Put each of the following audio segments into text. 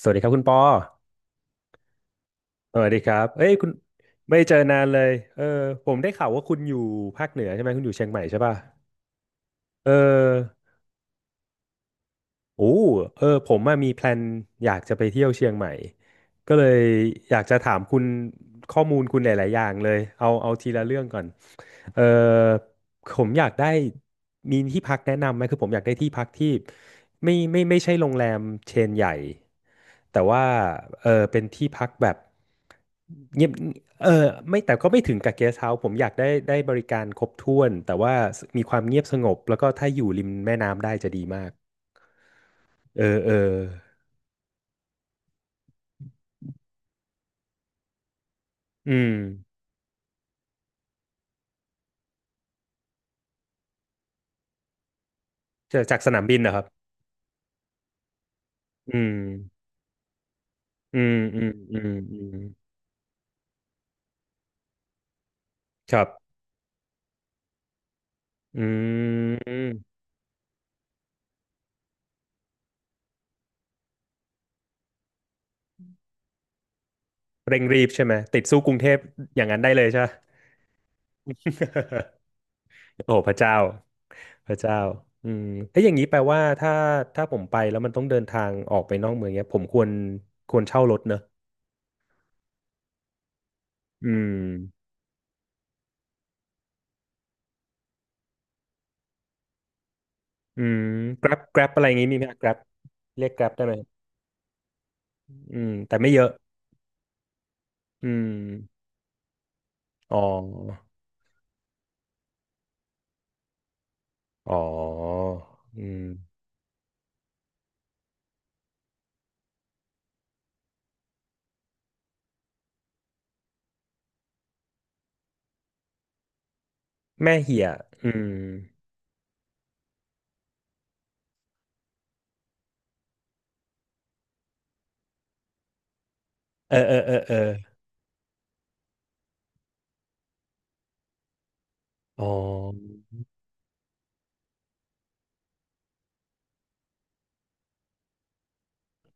สวัสดีครับคุณปอสวัสดีครับเอ้ยคุณไม่เจอนานเลยเออผมได้ข่าวว่าคุณอยู่ภาคเหนือใช่ไหม คุณอยู่เชียงใหม่ใช่ป่ะเออ โอ้เออผมอะมีแพลนอยากจะไปเที่ยวเชียงใหม่ ก็เลยอยากจะถามคุณข้อมูลคุณหลายๆอย่างเลยเอาเอาทีละเรื่องก่อนเออผมอยากได้มีที่พักแนะนำไหมคือผมอยากได้ที่พักที่ไม่ใช่โรงแรมเชนใหญ่ แต่ว่าเออเป็นที่พักแบบเงียบเออไม่แต่ก็ไม่ถึงกับเกสต์เฮาส์ผมอยากได้ได้บริการครบถ้วนแต่ว่ามีความเงียบสงบแล้วก็ถ้าอยู่ริมแม่น้ำได้จะดีมาก เออเอออืมจากสนามบินนะครับอืมอืมอืมอืมอืมครับอืมเร่งรีบใช่ไหมติดสู้กรุงเทพอย่างนั้นได้เลยใช่ไหม โอ้พระเจ้าพระเจ้าอืมถ้าอย่างนี้แปลว่าถ้าผมไปแล้วมันต้องเดินทางออกไปนอกเมืองเนี้ยผมควรเช่ารถเนอะอืมอืม Grab Grab อะไรอย่างงี้มีไหม Grab เรียก Grab ได้ไหมอืมแต่ไม่เยอะอืมอ๋อ อ๋ออืมแม่เหี่ยอืมเออเออเออเอออ๋อ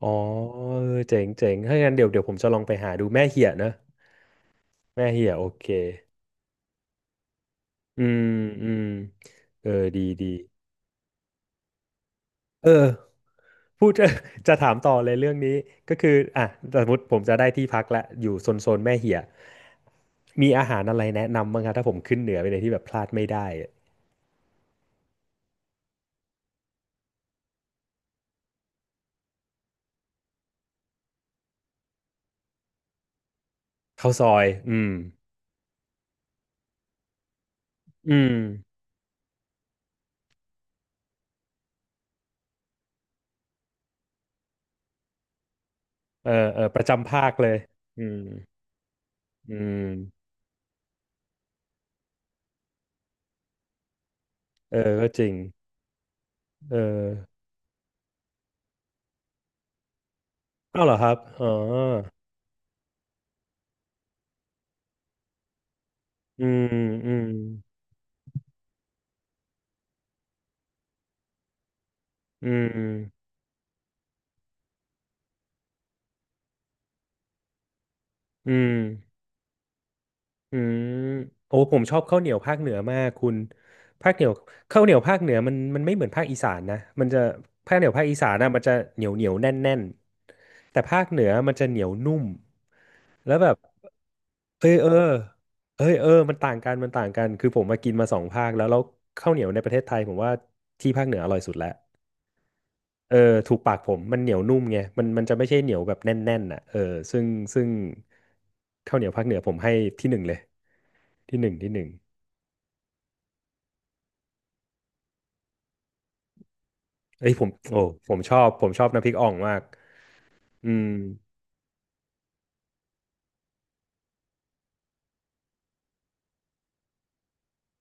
อ๋อเออเจ๋งเจ๋งถ้างั้นเดี๋ยวเดี๋ยวผมจะลองไปหาดูแม่เหี่ยนะแม่เหี่ยโอเคอืมอืมเออดีดีเออพูด จะถามต่อเลยเรื่องนี้ก็คืออ่ะสมมติผมจะได้ที่พักละอยู่โซนโซนแม่เหี่ยมีอาหารอะไรแนะนำบ้างครับถ้าผมขึ้นเหนือไปเลยที่แบบพลาดไม่ได้อะข้าวซอยอืมอืม เออเออประจำภาคเลย อืมอืมเออก็จริงเอออ้าวเหรอครับอ๋ออืมอืมอืมอืม อืมโอ้ผมชอบข้าวเหนียวภาคเหนือมากคุณภาคเหนียวข้าวเหนียวภาคเหนือมันไม่เหมือนภาคอีสานนะมันจะภาคเหนียวภาคอีสานนะมันจะเหนียวเหนียวแน่นแน่นแต่ภาคเหนือมันจะเหนียวนุ่มแล้วแบบเอยเออเอ้ยเออมันต่างกันมันต่างกันคือผมมากินมาสองภาคแล้วข้าวเหนียวในประเทศไทยผมว่าที่ภาคเหนืออร่อยสุดแล้วเออถูกปากผมมันเหนียวนุ่มไงมันจะไม่ใช่เหนียวแบบแน่นๆน่ะเออซึ่งซึ่งข้าวเหนียวภาคเหนือผมให้ที่หนึ่งเลย ที่หนึ่งที่หนึ่งเอ้ยผมโอ้ผมชอบผมชอบน้ำพริกอ่องมากอืม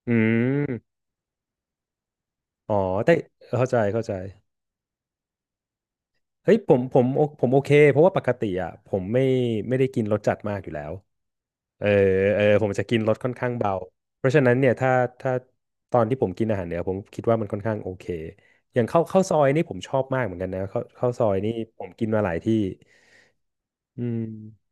อืมอ๋อแต่เข้าใจเข้าใจเฮ้ยผมผมโอผมโอเคเพราะว่าปกติอ่ะผมไม่ไม่ได้กินรสจัดมากอยู่แล้วเออเออผมจะกินรสค่อนข้างเบาเพราะฉะนั้นเนี่ยถ้าตอนที่ผมกินอาหารเหนือผมคิดว่ามันค่อนข้างโอเคอย่างข้าวซอยนี่ผมชอบมากเหมือนกันนะข้าวซอยนี่ผมกินมาหลายที่อืม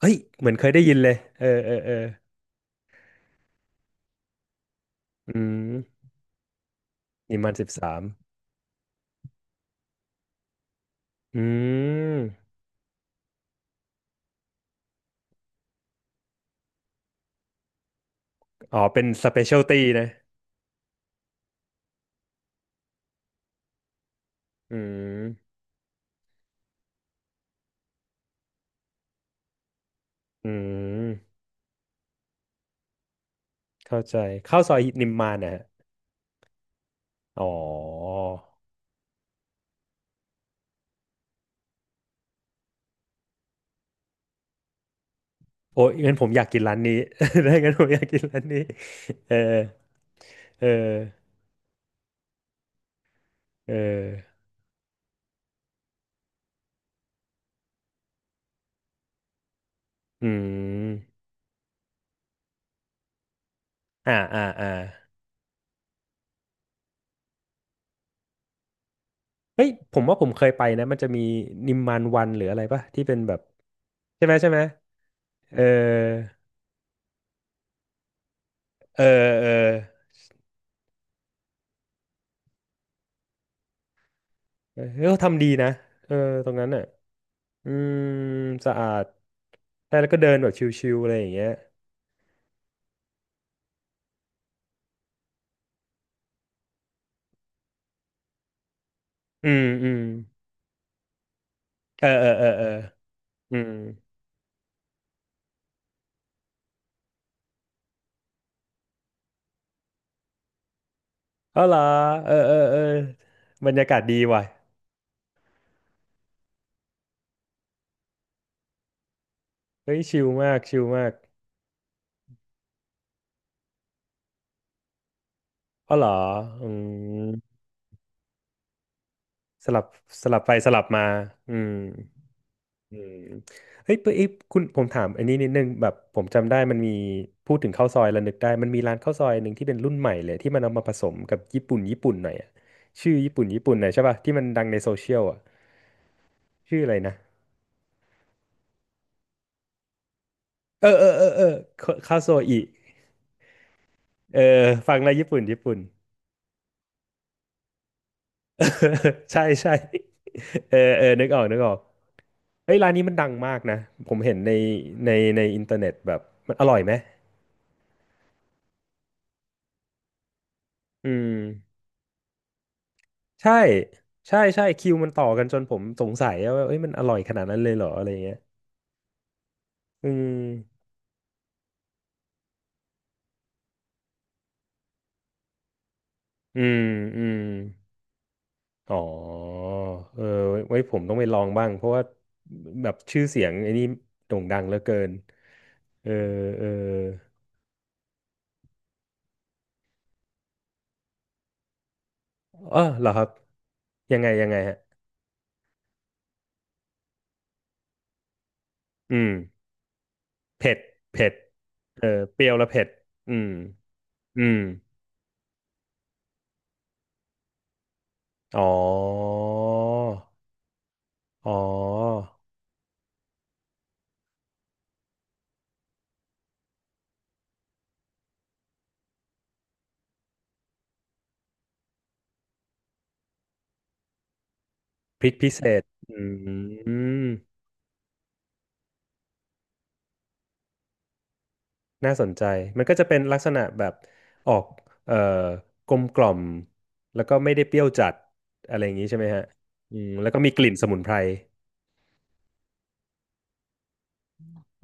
เฮ้ยเหมือนเคยได้ยินเลยเออเออเอออืมนิมมานสิบสาม อืม อ๋อ เป็นสเปเชียลตี้นะ อืม อืม เข้าใจข้าวซอยนิมมานนะฮะอ๋อโอ้ยงั้นผมอยากกินร้านนี้ ได้งั้นผมอยากกินร้านนี้เออเออเอออืมอ่าอ่าอ่าเฮ้ยผมว่าผมเคยไปนะมันจะมีนิมมานวันหรืออะไรป่ะที่เป็นแบบใช่ไหมใช่ไหม เออเออเออเออเขาทำดีนะเออตรงนั้นอ่ะ อืมสะอาดใช่แล้วก็เดินแบบชิวๆอะไรอย่างเงี้ยอืมอืม เออเออเออเอออืมเอาเหรอเออเออเออบรรยากาศดีว่ะ เฮ้ยชิลมากชิลมากเอาเหรออืมสลับสลับไปสลับมาอืมอืมเฮ้ยปะเอ้ยคุณผมถามอันนี้นิดนึงแบบผมจำได้มันมีพูดถึงข้าวซอยแล้วนึกได้มันมีร้านข้าวซอยหนึ่งที่เป็นรุ่นใหม่เลยที่มันเอามาผสมกับญี่ปุ่นญี่ปุ่นหน่อยอะชื่อญี่ปุ่นญี่ปุ่นหน่อยใช่ป่ะที่มันดังในโซเชียลอะ ชื่ออะไรนะเออเออเออเออคาโซอิเออฟังแล้วญี่ปุ่นญี่ปุ่น เออใช่ใช่เออเออนึกออกนึกออกเฮ้ยร้านนี้มันดังมากนะผมเห็นในในในอินเทอร์เน็ตแบบมันอร่อยไหมอืมใช่ใช่ใช่คิวมันต่อกันจนผมสงสัยว่าเอ้ยมันอร่อยขนาดนั้นเลยเหรออะไรเงี้ยอืมอืมอืม อ๋อ เออไว้ไว้ผมต้องไปลองบ้าง เพราะว่าแบบชื่อเสียงไอ้นี่โด่งดังเหลือเกิน เออ เออเออเหรอครับ ยังไงยังไงฮะ อืมเผ็ดเผ็ดเออเปรี้ยวและเผ็ดอืมอืมอ๋อ อ๋อพริกพิเศษอืม น่าสนใจมันก็จะเป็นลักษณะแบบออกเอ่อกลมกล่อมแล้วก็ไม่ได้เปรี้ยวจัดอะไรอย่างนี้ใช่ไหมฮะอืมแล้วก็มีกลิ่นสมุนไพร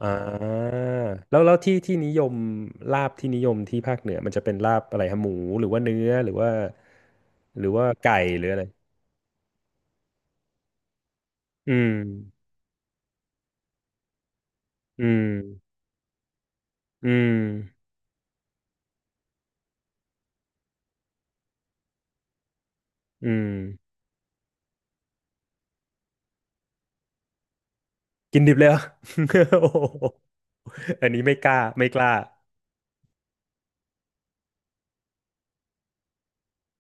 อ่าแล้วที่นิยมลาบที่นิยมที่ภาคเหนือมันจะเป็นลาบอะไรฮะหมูหรือว่าเนื้อหรือว่าหรือว่าไก่หรืออะไรอืมอืมอืมอืมกินดิบเลยเหรอ โอ้โหอันนี้ไม่กล้าไม่กล้า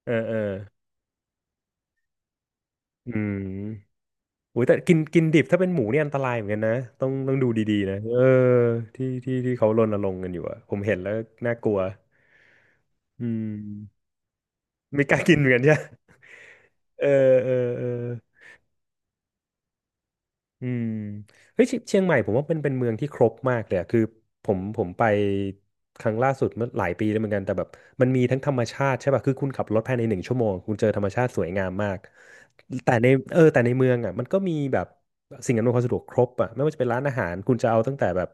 เออเอออืม โอ้ยแต่กินกินดิบถ้าเป็นหมูเนี่ยอันตรายเหมือนกันนะต้องดูดีๆนะเออที่เขารณรงค์กันอยู่อะผมเห็นแล้วน่ากลัวอืมไม่กล้ากินเหมือนกันใช่ไหมเออเออเออ อืมเฮ้ยเชียงใหม่ผมว่าเป็นเมืองที่ครบมากเลยอะคือผมไปครั้งล่าสุดเมื่อหลายปีแล้วเหมือนกันแต่แบบมันมีทั้งธรรมชาติใช่ป่ะคือคุณขับรถภายในหนึ่งชั่วโมงคุณเจอธรรมชาติสวยงามมากแต่ในอแต่ในเมืองอ่ะมันก็มีแบบสิ่งอำนวยความสะดวกครบอ่ะไม่ว่าจะเป็นร้านอาหารคุณจะเอาตั้งแต่แบบ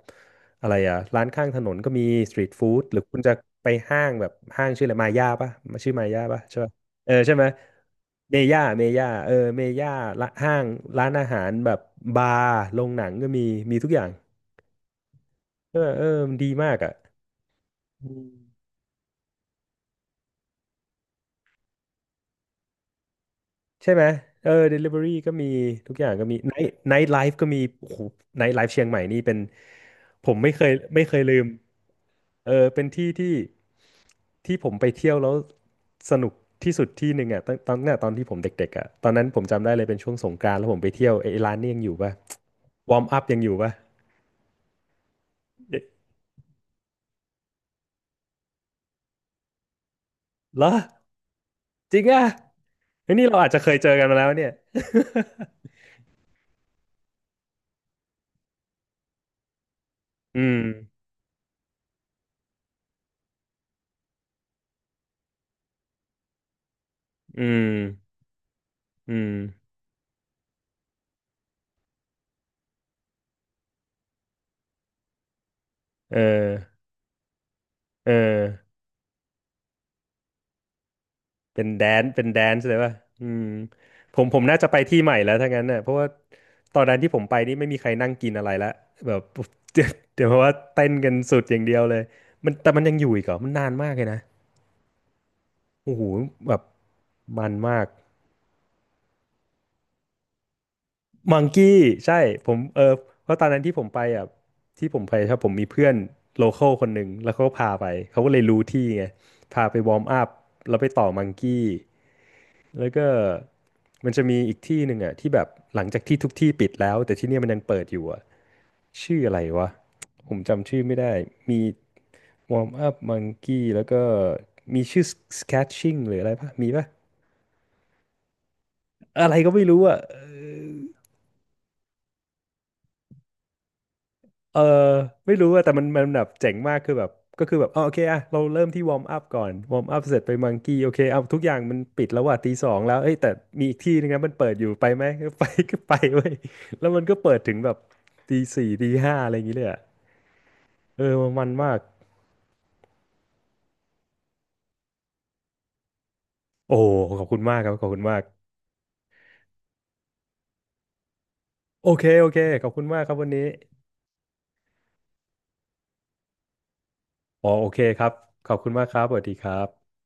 อะไรอ่ะร้านข้างถนนก็มีสตรีทฟู้ดหรือคุณจะไปห้างแบบห้างชื่ออะไรมาย่าป่ะชื่อมาย่าป่ะใช่ปะ เออใช่ไหมเมย่าเมย่าเออเมย่าละห้างร้านอาหารแบบบาร์โรงหนังก็มีมีทุกอย่างเออเออมันดีมากอ่ะอืมใช่ไหมเออ delivery ก็มีทุกอย่างก็มี night life ก็มีโอ้โห night life เชียงใหม่นี่เป็นผมไม่เคยลืมเออเป็นที่ที่ผมไปเที่ยวแล้วสนุกที่สุดที่หนึ่งอ่ะตั้งแต่ตอนที่ผมเด็กๆอ่ะตอนนั้นผมจำได้เลยเป็นช่วงสงกรานต์แล้วผมไปเที่ยวไอ้ร้านนี่ยังอยู่ป่ะวอร์มอัพยังอยู่ป่ะ เหรอจริงอ่ะเฮ้ยนี่เราอาจจะเคยเจอกันมาแล้วเนี่ย อืมอืมอืมเออเออเป็นแดนเป็นแดนซ์เลยป่ะอืมผมน่าจะไปที่ใหม่แล้วถ้างั้นเน่ะเพราะว่าตอนนั้นที่ผมไปนี่ไม่มีใครนั่งกินอะไรละแบบ เดี๋ยวเพราะว่าเต้นกันสุดอย่างเดียวเลยมันแต่มันยังอยู่อีกเหรอมันนานมากเลยนะโอ้โหแบบมันมาก มังกี้ใช่ผมเออเพราะตอนนั้นที่ผมไปอ่ะที่ผมไปครับผมมีเพื่อนโลคอลคนหนึ่งแล้วเขาก็พาไปเขาก็เลยรู้ที่ไงพาไปวอร์มอัพแล้วไปต่อมังกี้แล้วก็มันจะมีอีกที่หนึ่งอ่ะที่แบบหลังจากที่ทุกที่ปิดแล้วแต่ที่เนี่ยมันยังเปิดอยู่อ่ะชื่ออะไรวะผมจำชื่อไม่ได้มีวอร์มอัพมังกี้แล้วก็มีชื่อสแคชชิ่งหรืออะไรปะมีปะอะไรก็ไม่รู้อ่ะเออ เออไม่รู้อะแต่มันแบบเจ๋งมากคือแบบก็คือแบบอ๋อโอเคอะเราเริ่มที่วอร์มอัพก่อนวอร์มอัพเสร็จไปมังกี้โอเคเอาทุกอย่างมันปิดแล้วว่ะตีสองแล้วเอ้ยแต่มีอีกที่นึงนะมันเปิดอยู่ไปไหม ก็ไปก็ไปเว้ยแล้วมันก็เปิดถึงแบบตีสี่ตีห้าอะไรอย่างงี้เลยอะเออมันมากโอ้ขอบคุณมากครับขอบคุณมากโอเคโอเคขอบคุณมากครับวันนี้อ๋อโอเคครับขอบคุณมากครับสวัสดีครับ